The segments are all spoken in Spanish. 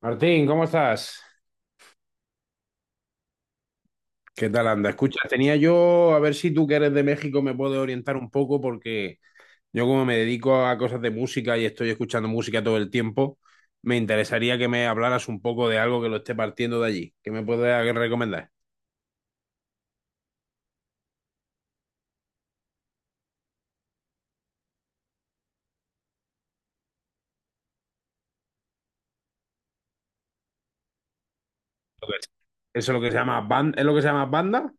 Martín, ¿cómo estás? ¿Qué tal anda? Escucha, tenía yo, a ver si tú que eres de México me puedes orientar un poco porque yo, como me dedico a cosas de música y estoy escuchando música todo el tiempo, me interesaría que me hablaras un poco de algo que lo esté partiendo de allí. ¿Qué me puedes recomendar? Lo que es- Eso es lo que se llama banda, ¿es lo que se llama banda?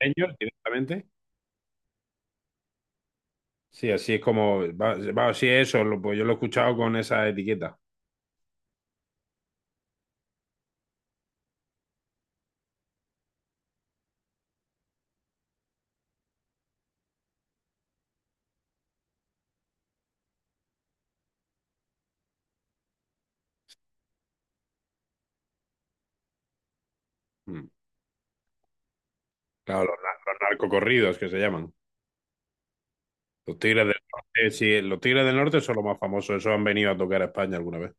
Señor, directamente. Sí, así es como, sí, eso, pues yo lo he escuchado con esa etiqueta. Mm. Claro, los narcocorridos que se llaman. Los Tigres del Norte, sí, los Tigres del Norte son los más famosos, esos han venido a tocar a España alguna vez.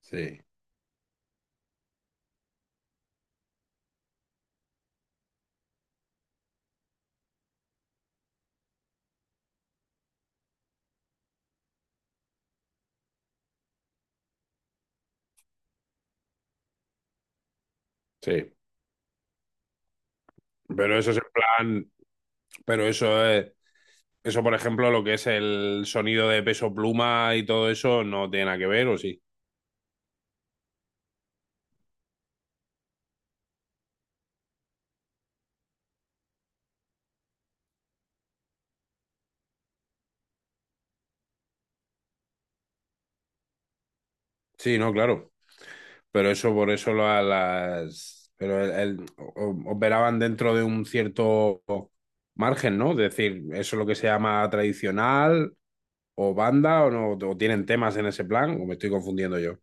Sí. Sí, pero eso es en plan, pero eso es, eso por ejemplo, lo que es el sonido de Peso Pluma y todo eso no tiene nada que ver, ¿o sí? Sí, no, claro, pero eso por eso pero operaban dentro de un cierto margen, ¿no? Es decir, eso es lo que se llama tradicional o banda o no, o tienen temas en ese plan, o me estoy confundiendo yo.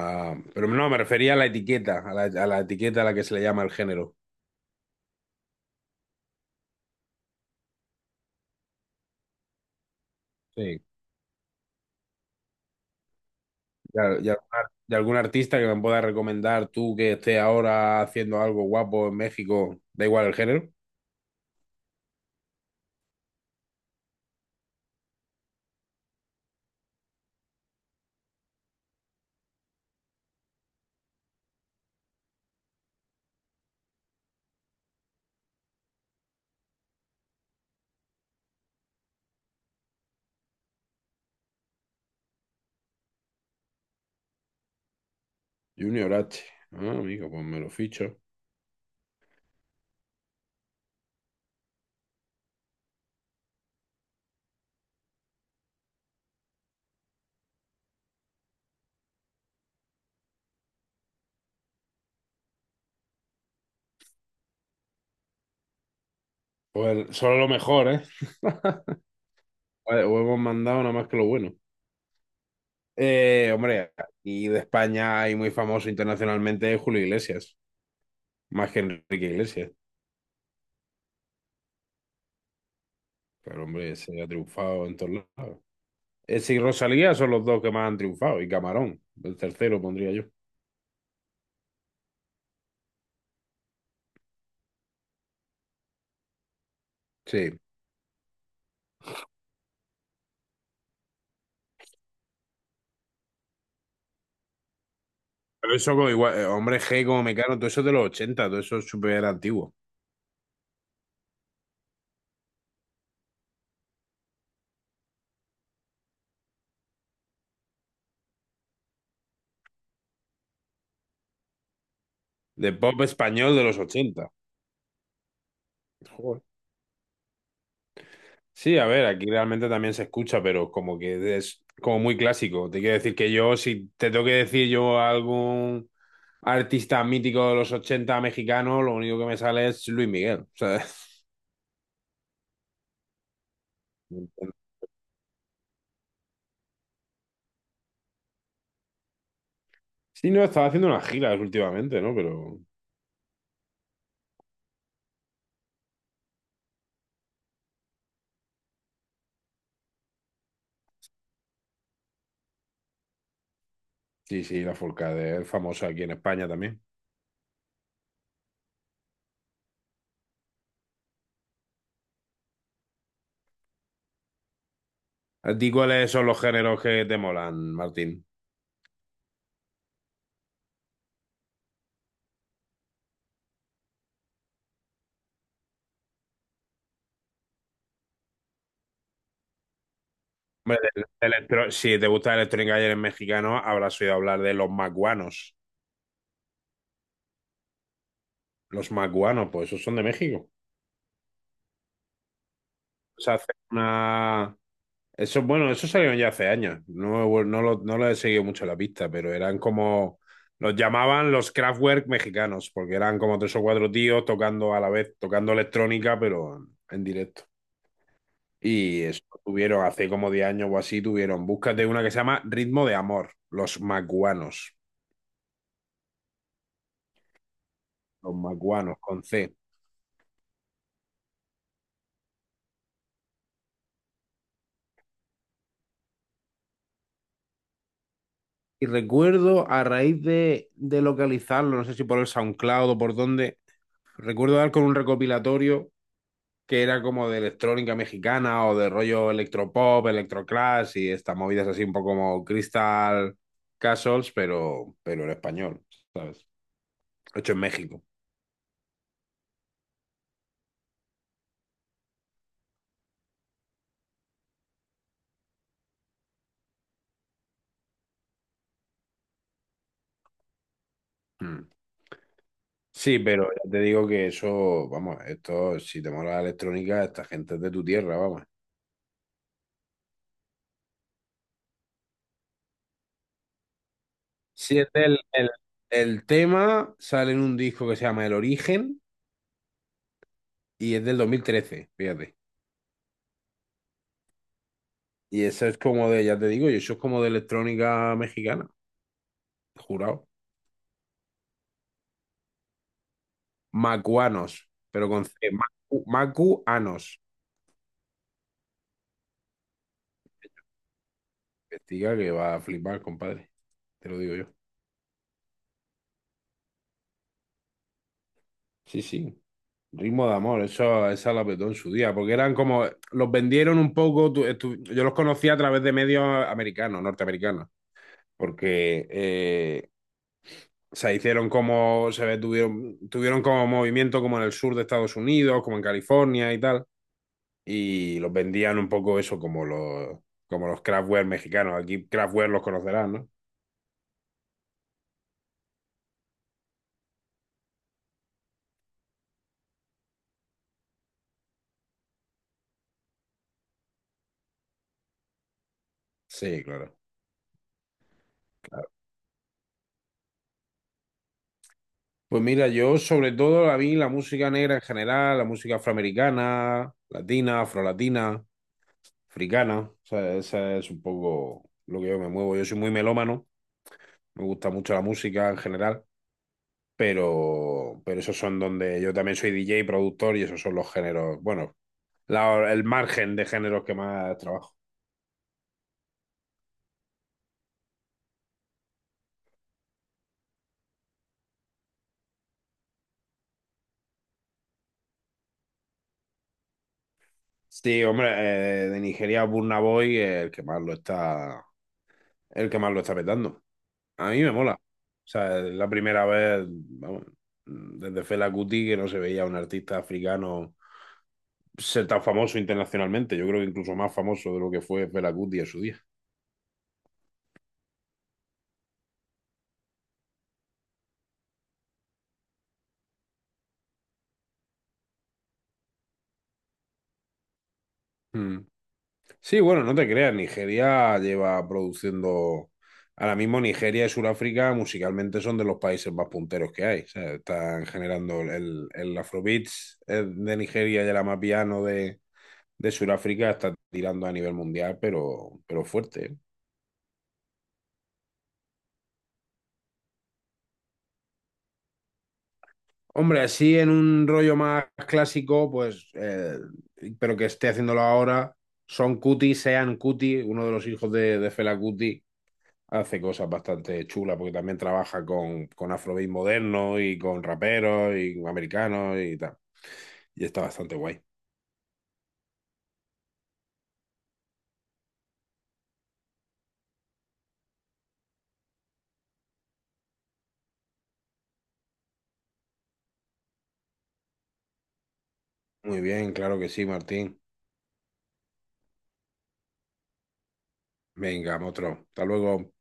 Ah, pero no, me refería a la etiqueta, a la etiqueta a la que se le llama el género. Sí. Y y algún artista que me pueda recomendar tú que esté ahora haciendo algo guapo en México, da igual el género. Junior H. Ah, amigo, pues me lo ficho. Pues solo lo mejor, ¿eh? Vale, o hemos mandado nada más que lo bueno. Hombre, y de España hay muy famoso internacionalmente Julio Iglesias, más que Enrique Iglesias. Pero hombre, se ha triunfado en todos lados. Ese y Rosalía son los dos que más han triunfado. Y Camarón, el tercero pondría yo. Sí. Pero eso como igual, hombre G como Mecano, todo eso es de los ochenta, todo eso es súper antiguo. De pop español de los ochenta. Joder. Sí, a ver, aquí realmente también se escucha, pero como que es como muy clásico. Te quiero decir que yo, si te tengo que decir yo algún artista mítico de los 80 mexicano, lo único que me sale es Luis Miguel. O sea, sí, no, estaba haciendo unas giras últimamente, ¿no? Pero sí, sí, la Forcade es famosa aquí en España también. ¿A ti cuáles son los géneros que te molan, Martín? Hombre, del si te gusta el electrónica y eres mexicano, habrás oído hablar de los macuanos. Los macuanos, pues esos son de México. Se hace una... Eso, bueno, eso salieron ya hace años. No, no lo he seguido mucho la pista, pero eran como... Los llamaban los Kraftwerk mexicanos, porque eran como tres o cuatro tíos tocando a la vez, tocando electrónica, pero en directo. Y eso tuvieron hace como 10 años o así, tuvieron. Búscate una que se llama Ritmo de Amor, los macuanos. Los macuanos con C. Y recuerdo a raíz de localizarlo, no sé si por el SoundCloud o por dónde, recuerdo dar con un recopilatorio que era como de electrónica mexicana o de rollo electropop, electroclash y estas movidas, así un poco como Crystal Castles, pero, en español, ¿sabes? Hecho en México. Mm. Sí, pero ya te digo que eso, vamos, esto, si te mola la electrónica, esta gente es de tu tierra, vamos. Sí, el tema sale en un disco que se llama El Origen y es del dos mil trece, fíjate. Y eso es como de, ya te digo, y eso es como de electrónica mexicana, jurado. Macuanos, pero con C, Macuanos. Investiga que va a flipar, compadre, te lo digo yo. Sí, sí. Ritmo de amor, eso, esa la petó en su día, porque eran como, los vendieron un poco, yo los conocí a través de medios americanos, norteamericanos, porque se hicieron como, se ve, tuvieron como movimiento como en el sur de Estados Unidos, como en California y tal, y los vendían un poco eso como los Kraftwerk mexicanos, aquí Kraftwerk los conocerás, ¿no? Sí, claro. Pues mira, yo sobre todo, a mí la música negra en general, la música afroamericana, latina, afrolatina, africana. O sea, esa es un poco lo que yo me muevo. Yo soy muy melómano, me gusta mucho la música en general, pero, esos son donde yo también soy DJ, productor, y esos son los géneros, bueno, el margen de géneros que más trabajo. Sí, hombre, de Nigeria, Burna Boy, el que más lo está, el que más lo está petando. A mí me mola. O sea, es la primera vez, vamos, desde Fela Kuti que no se veía un artista africano ser tan famoso internacionalmente. Yo creo que incluso más famoso de lo que fue Fela Kuti en su día. Mm. Sí, bueno, no te creas, Nigeria lleva produciendo. Ahora mismo Nigeria y Sudáfrica musicalmente son de los países más punteros que hay. O sea, están generando el Afrobeats, de Nigeria, y el Amapiano de Sudáfrica está tirando a nivel mundial, pero, fuerte. ¿Eh? Hombre, así en un rollo más clásico, pues, pero que esté haciéndolo ahora, Son Cuti, Sean Cuti, uno de los hijos de Fela Cuti, hace cosas bastante chulas porque también trabaja con, afrobeat moderno y con raperos y con americanos y tal. Y está bastante guay. Muy bien, claro que sí, Martín. Venga, otro. Hasta luego.